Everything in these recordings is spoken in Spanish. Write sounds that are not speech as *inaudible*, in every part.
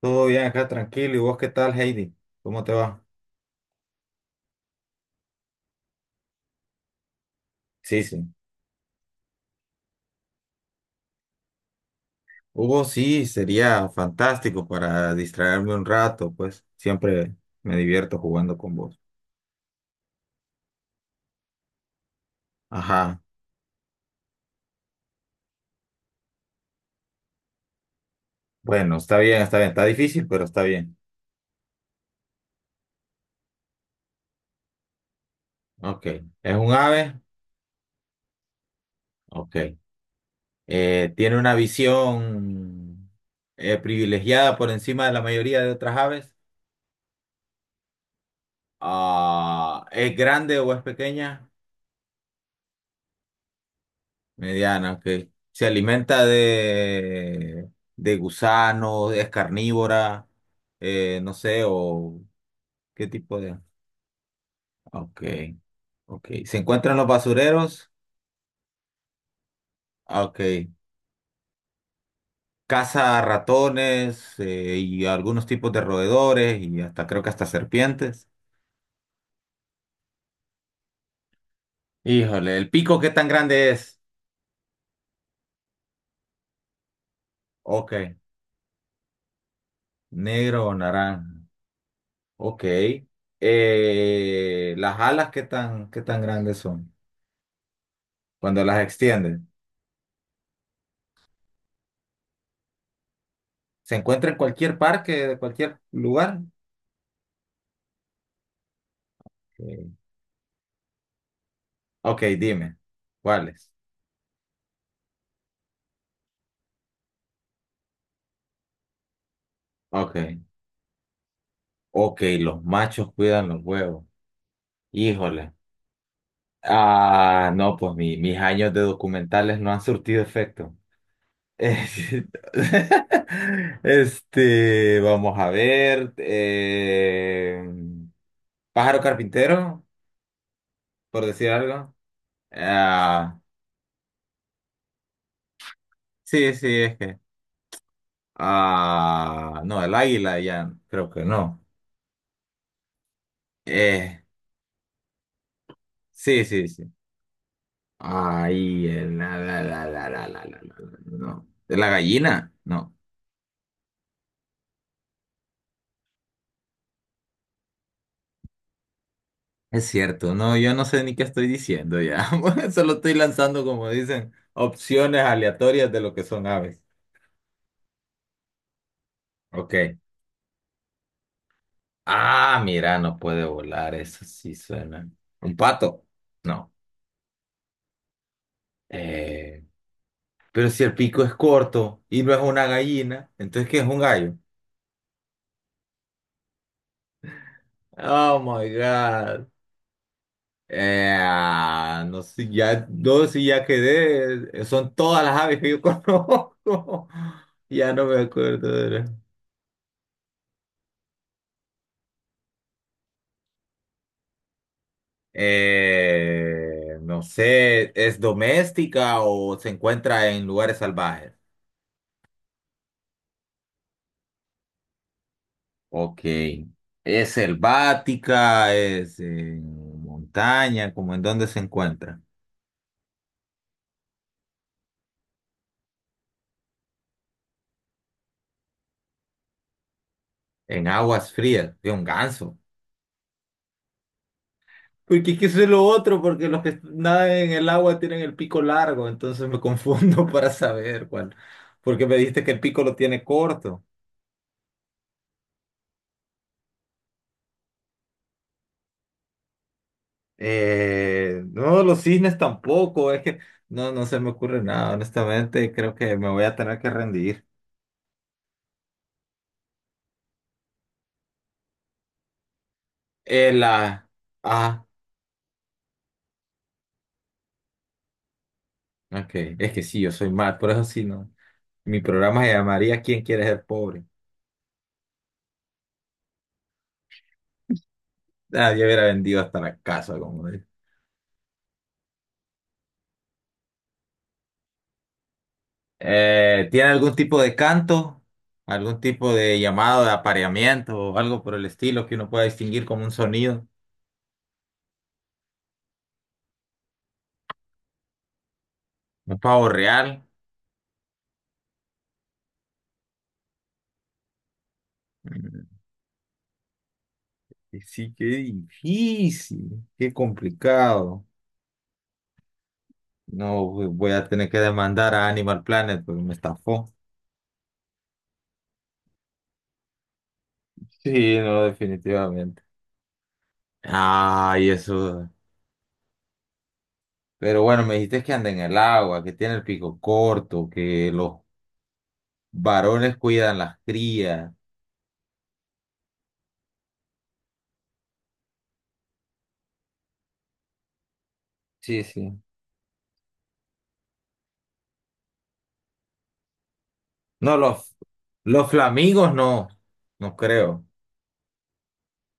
Todo bien acá, tranquilo. ¿Y vos qué tal, Heidi? ¿Cómo te va? Sí, sí. Hugo, sí, sería fantástico para distraerme un rato, pues siempre me divierto jugando con vos. Ajá. Bueno, está bien, está bien. Está difícil, pero está bien. Ok. ¿Es un ave? Ok. ¿Tiene una visión privilegiada por encima de la mayoría de otras aves? Ah, ¿es grande o es pequeña? Mediana, ok. Se alimenta de gusanos, es carnívora, no sé, o qué tipo de... Ok, ok. Se encuentra en los basureros, ah, ok. Caza ratones y algunos tipos de roedores y hasta creo que hasta serpientes. Híjole, ¿el pico qué tan grande es? Ok, negro o naranja. Ok. ¿Las alas qué tan grandes son cuando las extienden? Se encuentra en cualquier parque, de cualquier lugar. Eh, Ok, dime. ¿Cuáles? Ok. Ok, los machos cuidan los huevos. Híjole. Ah, no, pues mis años de documentales no han surtido efecto. Eh, *laughs* Este, vamos a ver. Pájaro carpintero, por decir algo. Ah, sí, sí, es que. Ah, no, el águila ya, creo que no. Eh, Sí, sí, sí. Ay, no. ¿De la gallina? No. Es cierto, no, yo no sé ni qué estoy diciendo ya. *laughs* Solo estoy lanzando, como dicen, opciones aleatorias de lo que son aves. Ok. Ah, mira, no puede volar, eso sí suena. ¿Un pato? No. Eh, pero si el pico es corto y no es una gallina, entonces ¿qué es un gallo? Oh my God. Ah, no sé, ya, no, si ya quedé, son todas las aves que yo *laughs* conozco. Ya no me acuerdo. No sé, ¿es doméstica o se encuentra en lugares salvajes? Ok. ¿Es selvática? ¿Es en montaña? ¿Cómo en dónde se encuentra? En aguas frías, de un ganso. Porque es que eso es lo otro, porque los que nadan en el agua tienen el pico largo, entonces me confundo *laughs* para saber cuál. Porque me dijiste que el pico lo tiene corto. No, los cisnes tampoco, es que no, no se me ocurre nada, honestamente, creo que me voy a tener que rendir. Eh, la... Ah, ok, es que sí, yo soy mal, por eso sí, no. Mi programa se llamaría ¿Quién quiere ser pobre? Ah, yo hubiera vendido hasta la casa, como ¿tiene algún tipo de canto, algún tipo de llamado de apareamiento o algo por el estilo que uno pueda distinguir como un sonido? ¿Un pavo real? Mm, Sí, qué difícil, qué complicado. No, voy a tener que demandar a Animal Planet porque me estafó. Sí, no, definitivamente. Ay, eso. Pero bueno, me dijiste que anda en el agua, que tiene el pico corto, que los varones cuidan las crías. Sí, sí. No, los flamingos no, no creo.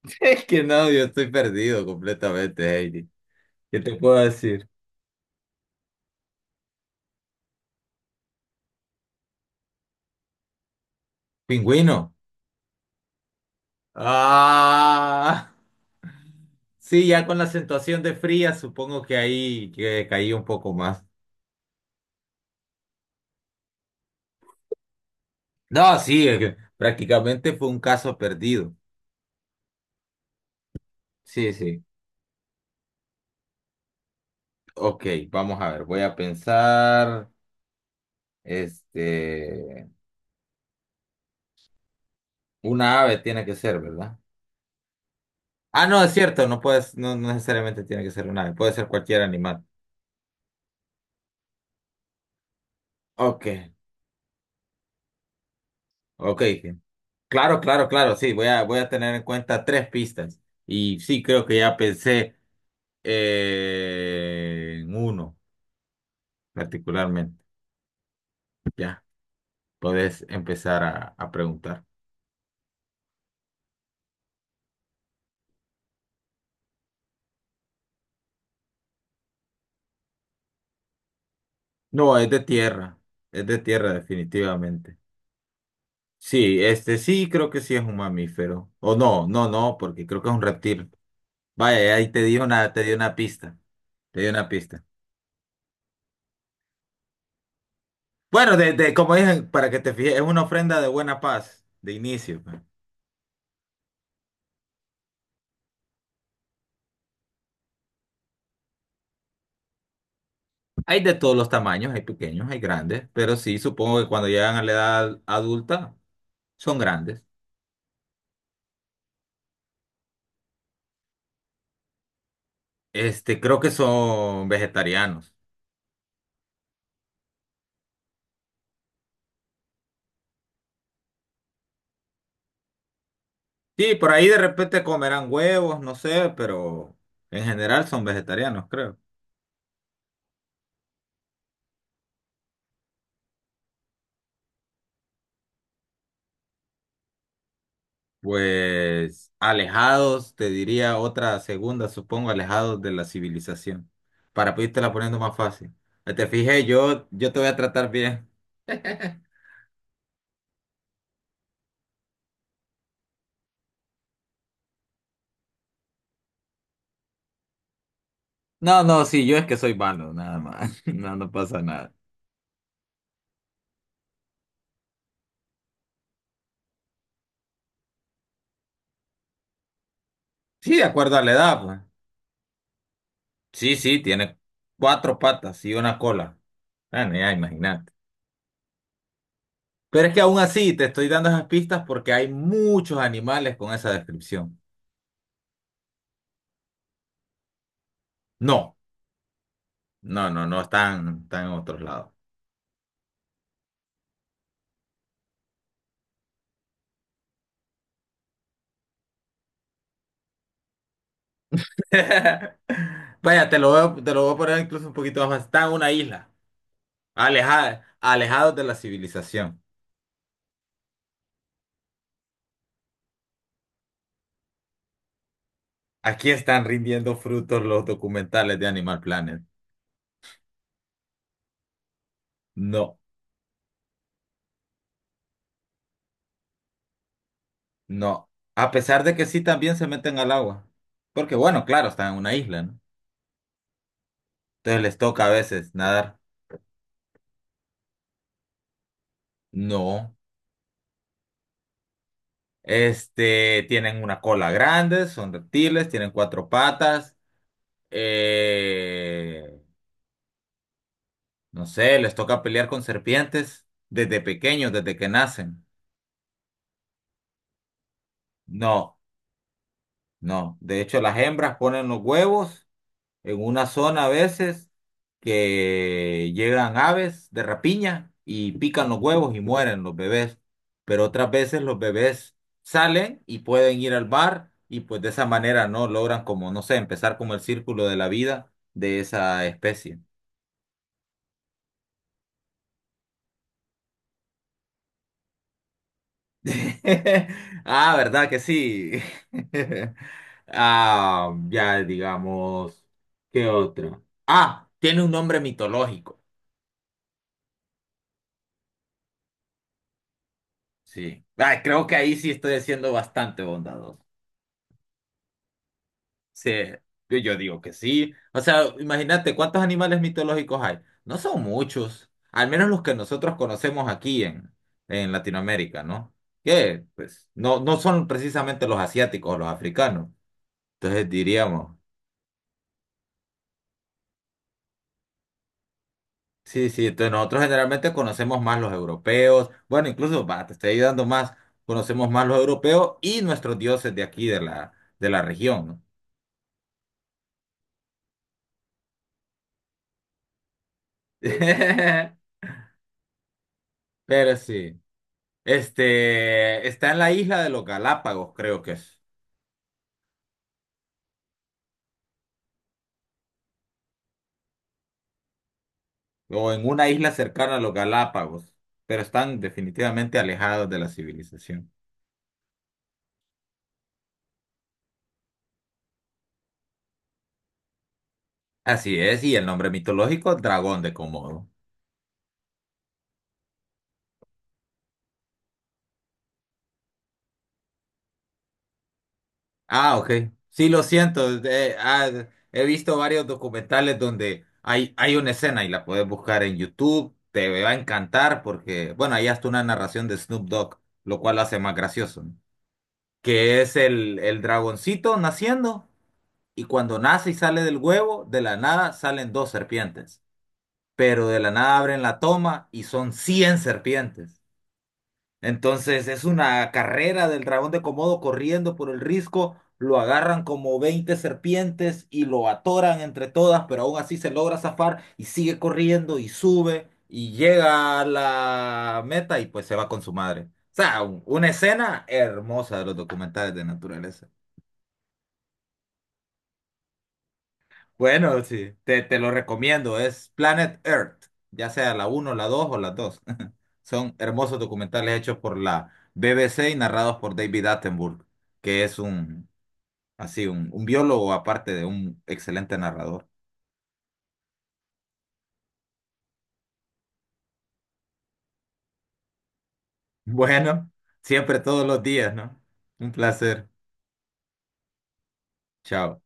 *laughs* Es que no, yo estoy perdido completamente, Heidi. ¿Qué te puedo decir? Pingüino. Ah, sí, ya con la acentuación de fría, supongo que ahí que caí un poco más. No, sí, es que prácticamente fue un caso perdido. Sí, sí. Ok, vamos a ver, voy a pensar, este, una ave tiene que ser, ¿verdad? Ah, no, es cierto, no puedes, no necesariamente tiene que ser una ave, puede ser cualquier animal. Ok, ok. Claro, claro, claro, sí, voy a tener en cuenta tres pistas. Y sí, creo que ya pensé en uno particularmente. Ya, podés empezar a preguntar. No, es de tierra definitivamente. Sí, este sí, creo que sí es un mamífero. O no, no, no, porque creo que es un reptil. Vaya, ahí te di una pista, te di una pista. Bueno, de, como dije, para que te fijes, es una ofrenda de buena paz, de inicio, pues. Hay de todos los tamaños, hay pequeños, hay grandes, pero sí, supongo que cuando llegan a la edad adulta son grandes. Este, creo que son vegetarianos. Sí, por ahí de repente comerán huevos, no sé, pero en general son vegetarianos, creo. Pues alejados, te diría otra segunda, supongo, alejados de la civilización. Para la poniendo más fácil. Te fijé, yo te voy a tratar bien. *laughs* No, no, sí, yo es que soy malo, nada más. *laughs* No, no pasa nada. Sí, de acuerdo a la edad, pues. Sí, sí, tiene cuatro patas y una cola. Bueno, ya imagínate. Pero es que aún así te estoy dando esas pistas porque hay muchos animales con esa descripción. No, no, no, no están en otros lados. *laughs* Vaya, te lo voy a poner incluso un poquito más fácil. Está en una isla, alejada, alejados de la civilización. Aquí están rindiendo frutos los documentales de Animal Planet. No. No, a pesar de que sí también se meten al agua. Porque bueno, claro, están en una isla, ¿no? Entonces les toca a veces nadar. No. Este, tienen una cola grande, son reptiles, tienen cuatro patas. eh, no sé, les toca pelear con serpientes desde pequeños, desde que nacen. No, no. De hecho, las hembras ponen los huevos en una zona a veces que llegan aves de rapiña y pican los huevos y mueren los bebés, pero otras veces los bebés salen y pueden ir al bar y pues de esa manera no logran como, no sé, empezar como el círculo de la vida de esa especie. *laughs* Ah, ¿verdad que sí? *laughs* Ah, ya digamos, ¿qué otro Ah, tiene un nombre mitológico. Sí. Ah, creo que ahí sí estoy siendo bastante bondadoso. Sí, yo digo que sí. O sea, imagínate cuántos animales mitológicos hay. No son muchos, al menos los que nosotros conocemos aquí en, Latinoamérica, ¿no? Que pues no, no son precisamente los asiáticos o los africanos. Entonces diríamos, sí, sí, entonces nosotros generalmente conocemos más los europeos. Bueno, incluso, va, te estoy ayudando más, conocemos más los europeos y nuestros dioses de aquí, de la región, ¿no? *laughs* Pero sí. Este, está en la isla de los Galápagos, creo que es. O en una isla cercana a los Galápagos. Pero están definitivamente alejados de la civilización. Así es, y el nombre mitológico, Dragón de Komodo. Ah, ok. Sí, lo siento. Ah, he visto varios documentales donde hay una escena y la puedes buscar en YouTube. Te va a encantar porque, bueno, ahí hasta una narración de Snoop Dogg, lo cual lo hace más gracioso, ¿no? Que es el dragoncito naciendo. Y cuando nace y sale del huevo, de la nada salen dos serpientes. Pero de la nada abren la toma y son 100 serpientes. Entonces es una carrera del dragón de Komodo corriendo por el risco. Lo agarran como 20 serpientes y lo atoran entre todas, pero aún así se logra zafar y sigue corriendo y sube y llega a la meta y pues se va con su madre. O sea, una escena hermosa de los documentales de naturaleza. Bueno, sí, te lo recomiendo. Es Planet Earth, ya sea la uno, la 2 o las 2. *laughs* Son hermosos documentales hechos por la BBC y narrados por David Attenborough, que es así, un biólogo aparte de un excelente narrador. *laughs* Bueno, siempre todos los días, ¿no? Un placer. Chao.